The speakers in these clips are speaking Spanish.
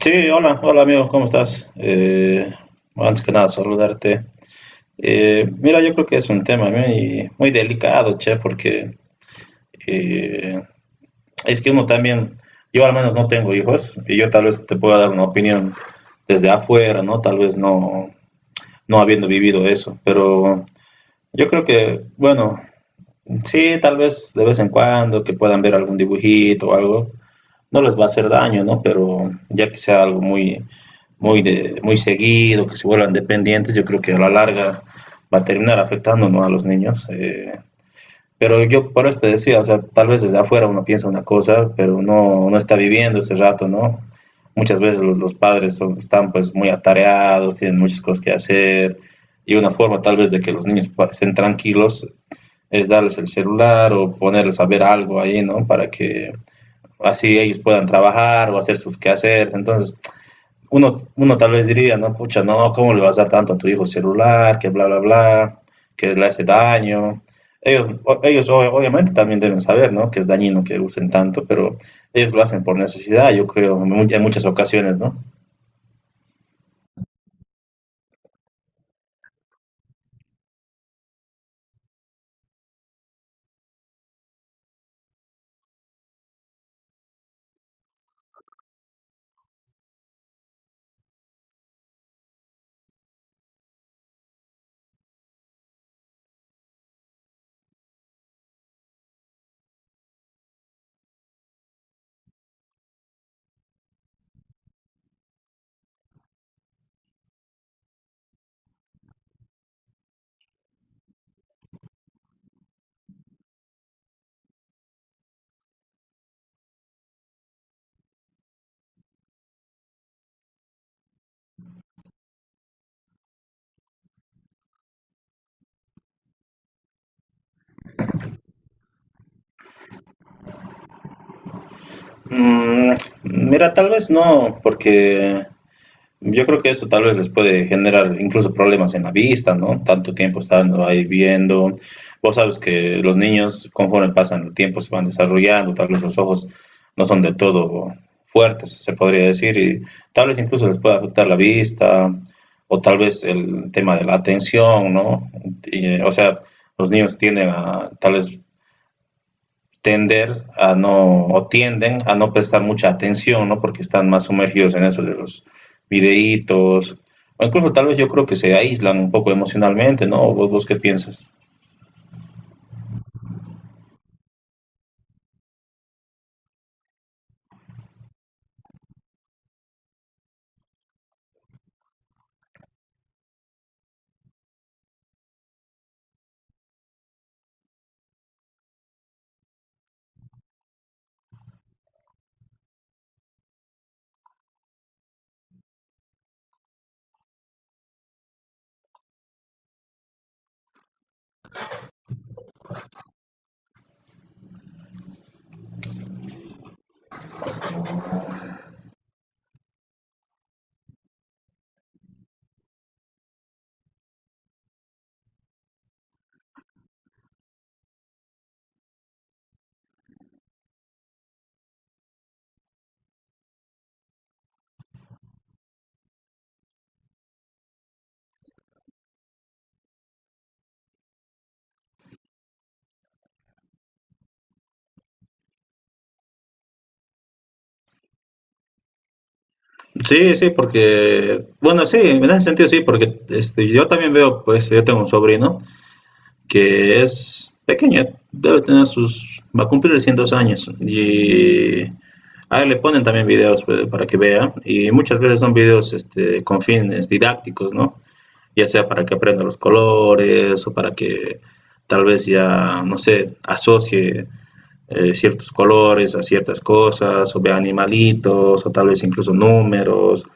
Sí, hola, hola amigo, ¿cómo estás? Antes que nada, saludarte. Mira, yo creo que es un tema muy, muy delicado, che, porque eh, es que uno también, yo al menos no tengo hijos, y yo tal vez te pueda dar una opinión desde afuera, ¿no? Tal vez no, no habiendo vivido eso, pero yo creo que, bueno, sí, tal vez de vez en cuando que puedan ver algún dibujito o algo, no les va a hacer daño, ¿no? Pero ya que sea algo muy, muy seguido, que se vuelvan dependientes, yo creo que a la larga va a terminar afectando, ¿no?, a los niños. Pero yo por eso te decía, o sea, tal vez desde afuera uno piensa una cosa, pero no, no está viviendo ese rato, ¿no? Muchas veces los padres son, están pues muy atareados, tienen muchas cosas que hacer, y una forma tal vez de que los niños estén tranquilos es darles el celular o ponerles a ver algo ahí, ¿no? Para que así ellos puedan trabajar o hacer sus quehaceres. Entonces, uno tal vez diría, no, pucha, no, ¿cómo le vas a dar tanto a tu hijo celular? Que bla, bla, bla, que le hace daño. Ellos, ellos obviamente también deben saber, ¿no? Que es dañino que usen tanto, pero ellos lo hacen por necesidad, yo creo, en muchas ocasiones, ¿no? Mm, mira, tal vez no, porque yo creo que esto tal vez les puede generar incluso problemas en la vista, ¿no? Tanto tiempo estando ahí viendo. Vos sabes que los niños, conforme pasan el tiempo, se van desarrollando, tal vez los ojos no son del todo fuertes, se podría decir, y tal vez incluso les pueda afectar la vista o tal vez el tema de la atención, ¿no? Y, o sea, los niños tienden a tal vez tender a no, o tienden a no prestar mucha atención, ¿no? Porque están más sumergidos en eso de los videitos, o incluso tal vez yo creo que se aíslan un poco emocionalmente, ¿no? ¿Vos, vos qué piensas? Sí, sí, porque, bueno, sí, en ese sentido sí, porque este, yo también veo, pues yo tengo un sobrino que es pequeño, debe tener sus, va a cumplir 100 años, y a él le ponen también videos pues, para que vea, y muchas veces son videos este, con fines didácticos, ¿no? Ya sea para que aprenda los colores o para que tal vez ya, no sé, asocie ciertos colores a ciertas cosas o vea animalitos o tal vez incluso números.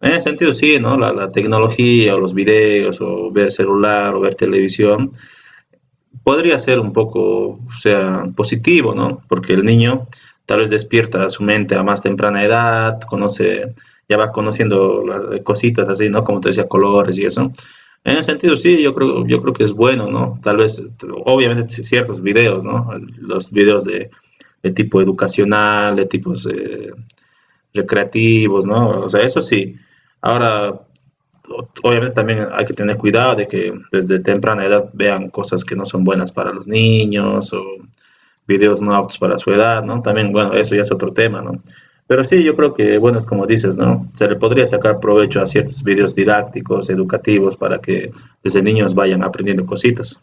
En ese sentido, sí, ¿no? La tecnología o los videos o ver celular o ver televisión podría ser un poco, o sea, positivo, ¿no? Porque el niño tal vez despierta su mente a más temprana edad, conoce, ya va conociendo las cositas así, ¿no? Como te decía, colores y eso. En ese sentido, sí, yo creo que es bueno, ¿no? Tal vez, obviamente, sí, ciertos videos, ¿no? Los videos de tipo educacional, de tipos recreativos, ¿no? O sea, eso sí. Ahora, obviamente también hay que tener cuidado de que desde temprana edad vean cosas que no son buenas para los niños o videos no aptos para su edad, ¿no? También, bueno, eso ya es otro tema, ¿no? Pero sí, yo creo que, bueno, es como dices, ¿no? Se le podría sacar provecho a ciertos videos didácticos, educativos, para que desde niños vayan aprendiendo cositas.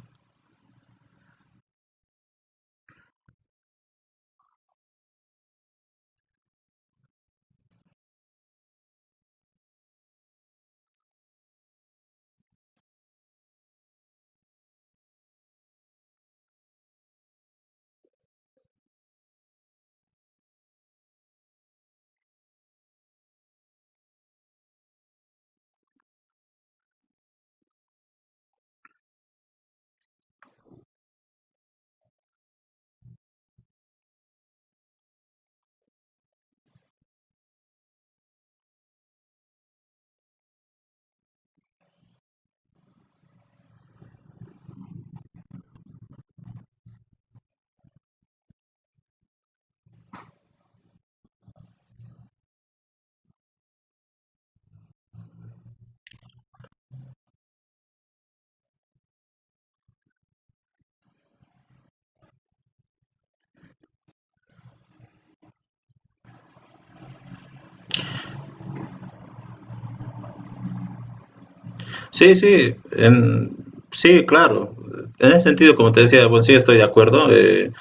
Sí, sí, en, sí, claro. En ese sentido, como te decía, bueno, sí estoy de acuerdo.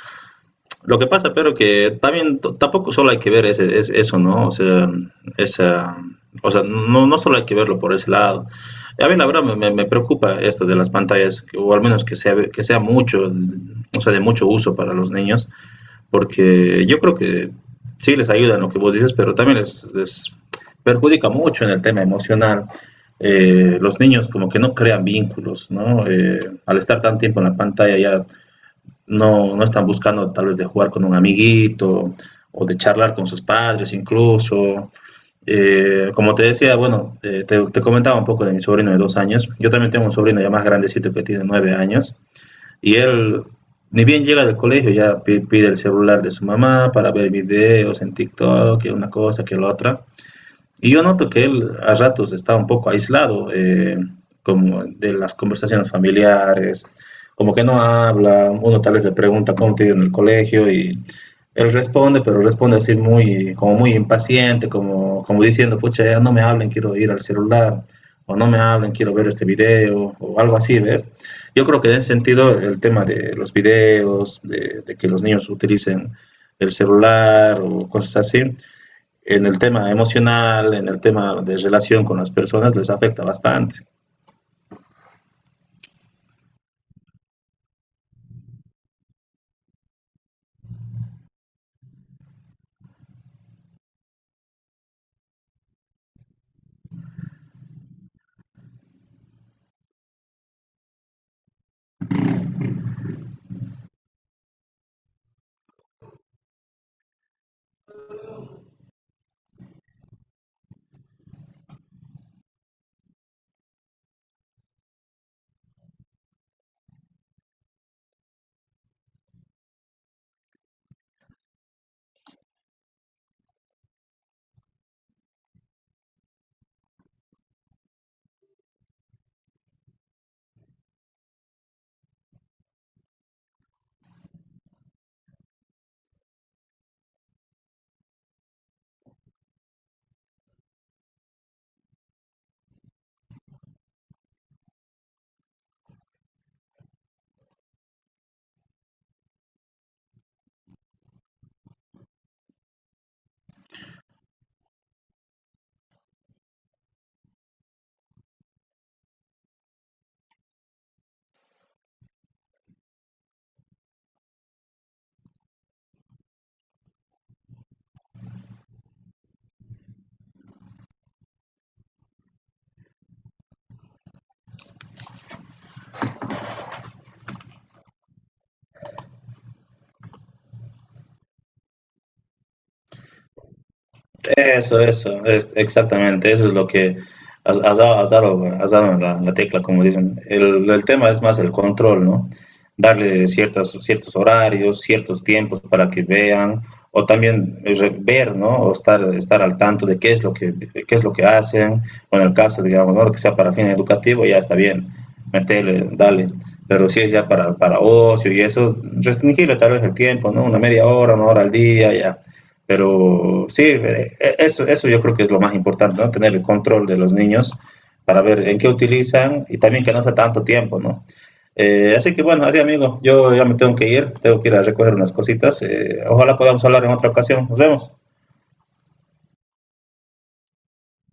Lo que pasa, pero que también tampoco solo hay que ver eso, ¿no? O sea, esa, o sea, no, no solo hay que verlo por ese lado. A mí la verdad me preocupa esto de las pantallas, o al menos que sea mucho, o sea, de mucho uso para los niños, porque yo creo que sí les ayuda en lo que vos dices, pero también les perjudica mucho en el tema emocional. Los niños como que no crean vínculos, ¿no? Al estar tanto tiempo en la pantalla ya no, no están buscando tal vez de jugar con un amiguito o de charlar con sus padres incluso. Como te decía, bueno, comentaba un poco de mi sobrino de 2 años. Yo también tengo un sobrino ya más grandecito que tiene 9 años. Y él, ni bien llega del colegio, ya pide el celular de su mamá para ver videos en TikTok, que una cosa, que la otra. Y yo noto que él a ratos está un poco aislado, como de las conversaciones familiares, como que no habla, uno tal vez le pregunta cómo te ha ido en el colegio y él responde, pero responde así muy, como muy impaciente, como, como diciendo, pucha, ya no me hablen, quiero ir al celular, o no me hablen, quiero ver este video, o algo así, ¿ves? Yo creo que en ese sentido el tema de los videos, de que los niños utilicen el celular o cosas así, en el tema emocional, en el tema de relación con las personas, les afecta bastante. Eso, exactamente, eso es lo que has dado en la tecla, como dicen. El tema es más el control, ¿no? Darle ciertos horarios, ciertos tiempos para que vean, o también ver, ¿no? O estar al tanto de qué es qué es lo que hacen, o en el caso, digamos, ¿no? Que sea para fin educativo, ya está bien, metele, dale. Pero si es ya para ocio y eso, restringirle tal vez el tiempo, ¿no? Una media hora, una hora al día, ya pero sí, eso, eso yo creo que es lo más importante, ¿no? Tener el control de los niños para ver en qué utilizan y también que no sea tanto tiempo, ¿no? Así que bueno, así amigo, yo ya me tengo que ir a recoger unas cositas. Ojalá podamos hablar en otra ocasión. Nos vemos.